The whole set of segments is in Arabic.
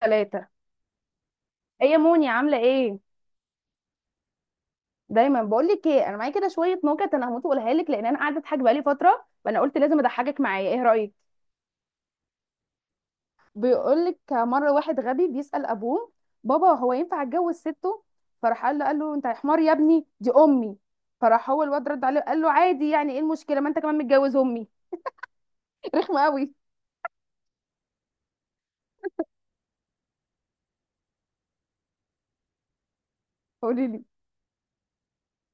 ثلاثة. ايه يا موني، عاملة ايه؟ دايما بقول لك ايه، انا معايا كده شوية نكت، انا هموت واقولها لك لان انا قاعدة اضحك بقالي فترة، فانا قلت لازم اضحكك معايا. ايه رأيك؟ بيقول لك مرة واحد غبي بيسأل ابوه: بابا، هو ينفع اتجوز سته؟ فراح قال له انت يا حمار يا ابني، دي امي. فراح هو الواد رد عليه قال له: عادي، يعني ايه المشكلة؟ ما انت كمان متجوز امي. رخمة قوي. قولي لي.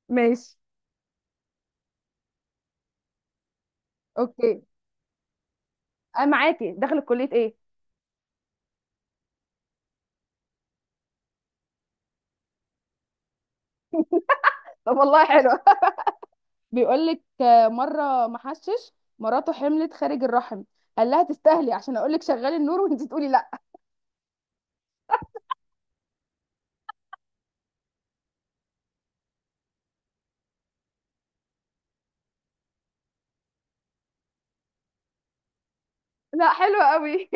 ماشي. اوكي. انا معاكي، داخل كلية ايه؟ طب والله حلو. بيقولك مرة محشش مراته حملت خارج الرحم، قال لها تستاهلي، عشان اقولك شغلي النور وانتي تقولي لا. لا حلو قوي.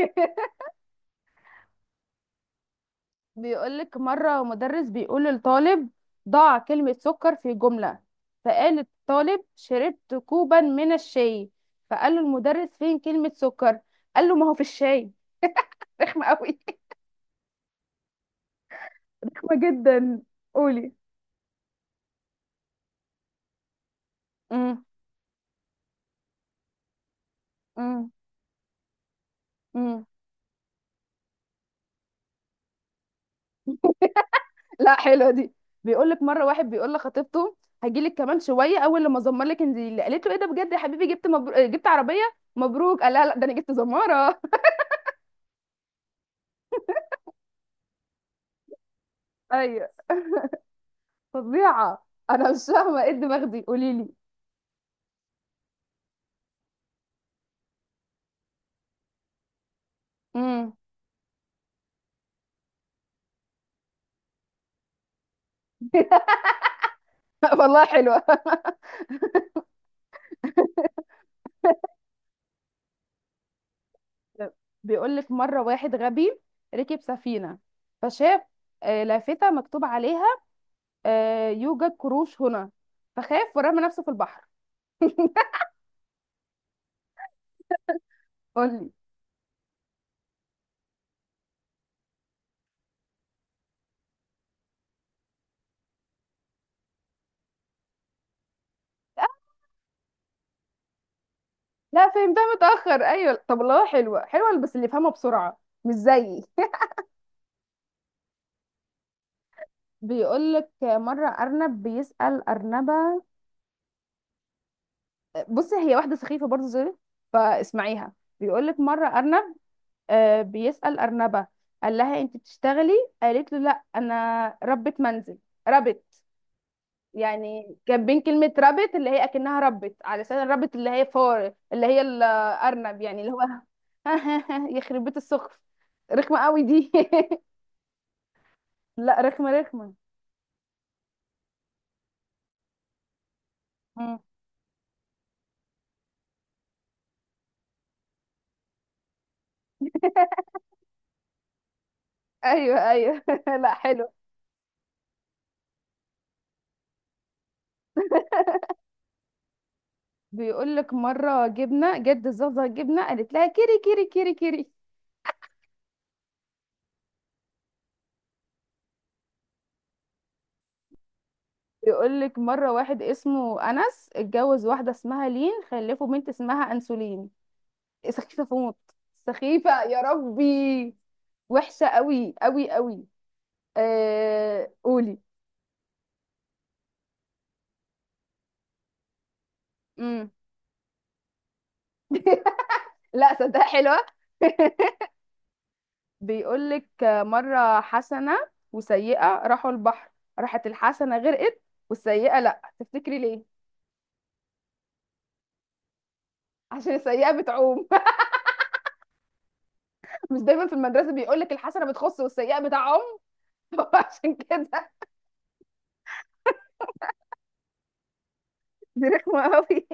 بيقولك مرة مدرس بيقول للطالب: ضع كلمة سكر في جملة. فقال الطالب: شربت كوبا من الشاي. فقال له المدرس: فين كلمة سكر؟ قال له: ما هو في الشاي. رخمة قوي. رخمة جدا. قولي. امم. امم. لا حلوه دي. بيقول لك مره واحد بيقول لخطيبته: هجي لك كمان شويه، اول لما ازمر لك انزلي. قالت له: ايه ده بجد يا حبيبي؟ جبت جبت عربيه؟ مبروك. قال لها: لا، ده انا جبت زماره. ايوه. فظيعه، انا مش فاهمه ايه الدماغ دي. قولي لي. امم. والله حلوه. بيقول لك مره واحد غبي ركب سفينه، فشاف لافته مكتوب عليها يوجد قروش هنا، فخاف ورمى نفسه في البحر. قولي. لا فهمتها متأخر. أيوة طب والله حلوة، حلوة بس اللي فهمها بسرعة، مش زيي. بيقولك مرة أرنب بيسأل أرنبة. بصي، هي واحدة سخيفة برضه، زي. فاسمعيها. بيقولك مرة أرنب بيسأل أرنبة، قال لها: أنت بتشتغلي؟ قالت له: لا، أنا ربة منزل. ربت. يعني كان بين كلمة ربت اللي هي أكنها ربت، علشان الربت اللي هي فار، اللي هي الأرنب، يعني اللي هو. يخرب بيت السخف، رخمة قوي دي. لا، رخمة رخمة. مم. ايوه ايوه. لا حلو. بيقول لك مرة جبنة جد زازا جبنة قالت لها: كيري كيري كيري كيري. بيقول لك مرة واحد اسمه أنس اتجوز واحدة اسمها لين، خلفوا بنت اسمها أنسولين. سخيفة، فوت. سخيفة يا ربي. وحشة قوي قوي قوي. قولي. امم. لا صدق حلوة. بيقولك مرة حسنة وسيئة راحوا البحر، راحت الحسنة غرقت، والسيئة لأ. تفتكري ليه؟ عشان السيئة بتعوم. مش دايما في المدرسة بيقولك الحسنة بتخص والسيئة بتعوم. هو عشان كده. دي رخمة قوي.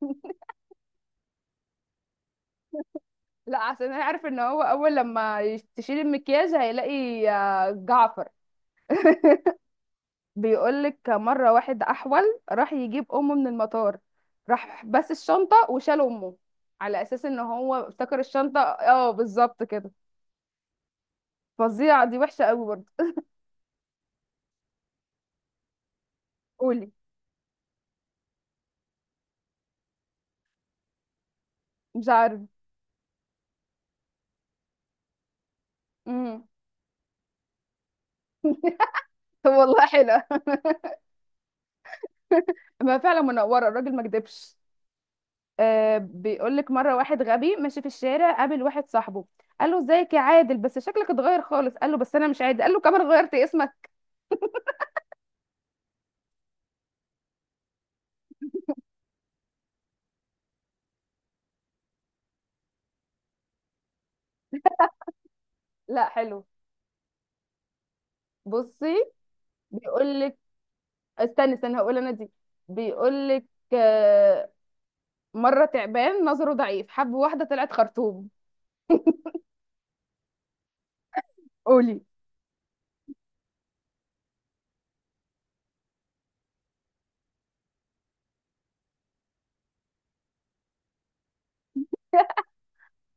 لا عشان انا عارف ان هو اول لما تشيل المكياج هيلاقي جعفر. بيقولك مرة واحد أحول راح يجيب أمه من المطار، راح بس الشنطة وشال أمه، على أساس إن هو افتكر الشنطة. اه بالظبط كده. فظيعة دي، وحشة قوي برضه. قولي. مش عارف. امم. والله حلوة. ما فعلا منورة، الراجل ما كدبش. بيقولك مرة واحد غبي ماشي في الشارع، قابل واحد صاحبه قال له: ازيك يا عادل؟ بس شكلك اتغير خالص. قال له: بس انا مش عادل. قال له: كمان غيرت اسمك. لا حلو. بصي. بيقولك، استنى استنى، هقول انا دي. بيقول لك آه، مره تعبان نظره ضعيف حب واحده طلعت خرطوم. قولي.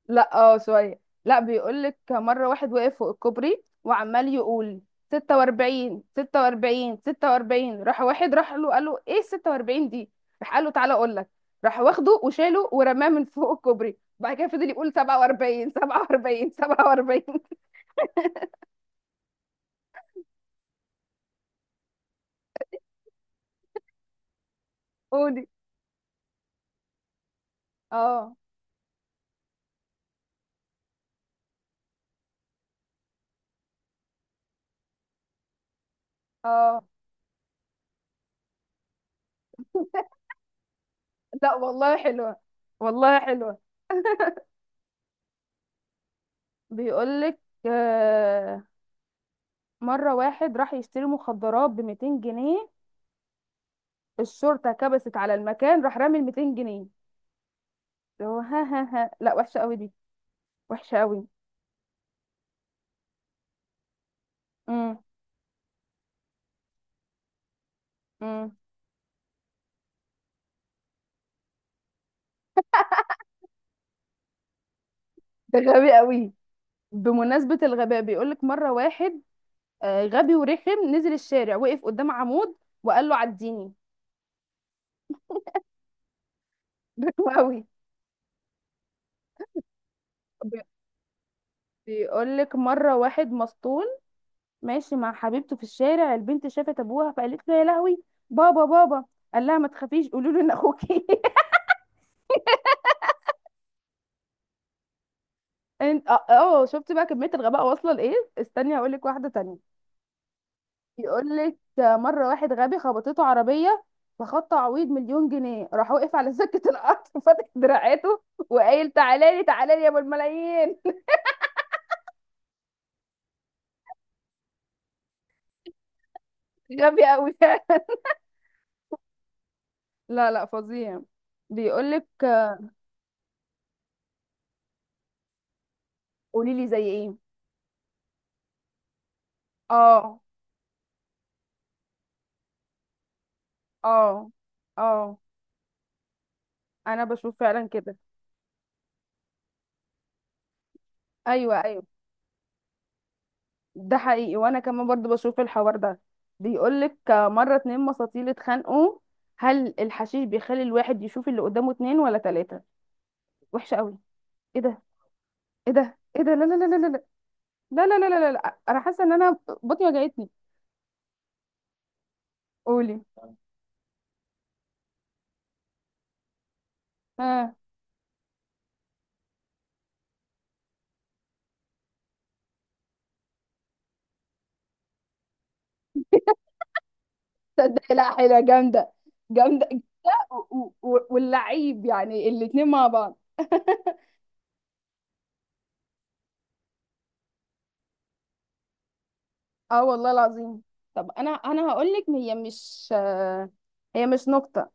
لا اه شويه. لا، بيقول لك مره واحد وقف فوق الكوبري وعمال يقول: 46 46 46. راح واحد راح له قال له: ايه 46 دي؟ راح قال له: تعالى اقول لك. راح واخده وشاله ورماه من فوق الكوبري، بعد كده فضل يقول: 47 47 47. قولي. اه اه. لا والله حلوه، والله حلوه. بيقولك آه، مرة واحد راح يشتري مخدرات ب 200 جنيه، الشرطة كبست على المكان راح رامي ال 200 جنيه اللي هو. ها ها ها. لا وحشة قوي دي، وحشة قوي. امم. امم. ده غبي قوي. بمناسبة الغباء، بيقولك مرة واحد غبي ورخم نزل الشارع وقف قدام عمود وقال له: عديني. ده غبي قوي. بيقولك مرة واحد مسطول ماشي مع حبيبته في الشارع، البنت شافت ابوها فقالت له: يا لهوي، بابا بابا. قال لها: ما تخافيش، قولوا له ان اخوكي. انت اه. شفت بقى كمية الغباء واصلة لايه؟ استني هقول لك واحدة تانية. يقول لك مرة واحد غبي خبطته عربية، فخد تعويض مليون جنيه، راح وقف على سكة القطر وفتح دراعاته، وقايل: تعالى لي تعالى لي يا ابو الملايين. غبي قوي. لا لا فظيع. بيقول لك. قولي لي زي ايه. اه. اه. اه. انا بشوف فعلا كده. ايوه ايوه. ده حقيقي، وانا كمان برضو بشوف الحوار ده. بيقولك مره اتنين مساطيل اتخانقوا: هل الحشيش بيخلي الواحد يشوف اللي قدامه اتنين ولا تلاته؟ وحشه قوي. ايه ده، ايه ده، ايه ده، لا لا لا لا لا. لا لا لا لا لا لا. انا حاسه ان انا بطني وجعتني. قولي. اه. تصدقي، لا حلوه جامده، جامده. واللعيب يعني الاتنين مع بعض. اه والله العظيم. طب انا هقولك، هي مش هي مش نكته،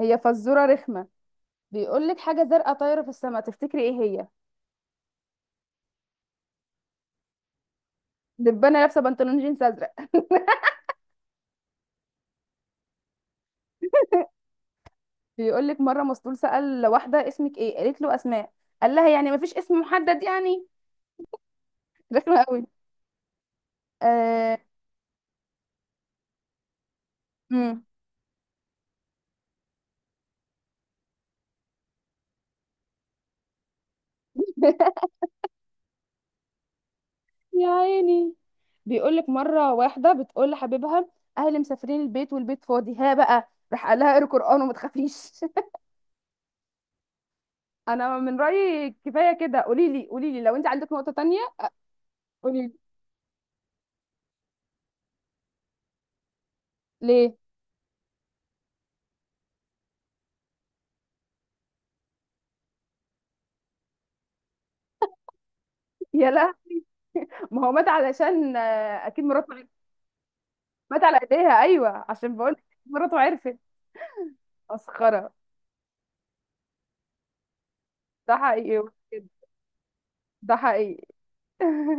هي فزوره رخمه. بيقول لك: حاجه زرقاء طايره في السماء، تفتكري ايه هي؟ دبانه لابسه بنطلون جينز ازرق. بيقول لك مره مسطول سال واحده: اسمك ايه؟ قالت له: اسماء. قال لها: يعني مفيش اسم محدد يعني؟ رخمه قوي. آه... مم. يا عيني. بيقول لك مره واحده بتقول لحبيبها: اهلي مسافرين البيت والبيت فاضي، ها بقى. راح قال لها: اقري قران وما تخافيش. انا من رايي كفايه كده، قولي لي قولي لي لو انت عندك نقطه تانية. قولي لي. ليه؟ يلا. ما هو مات علشان اكيد مراته، مات على ايديها. ايوه عشان بقول لك مراته عرفت. مسخره. ده حقيقي. بجد، ده حقيقي.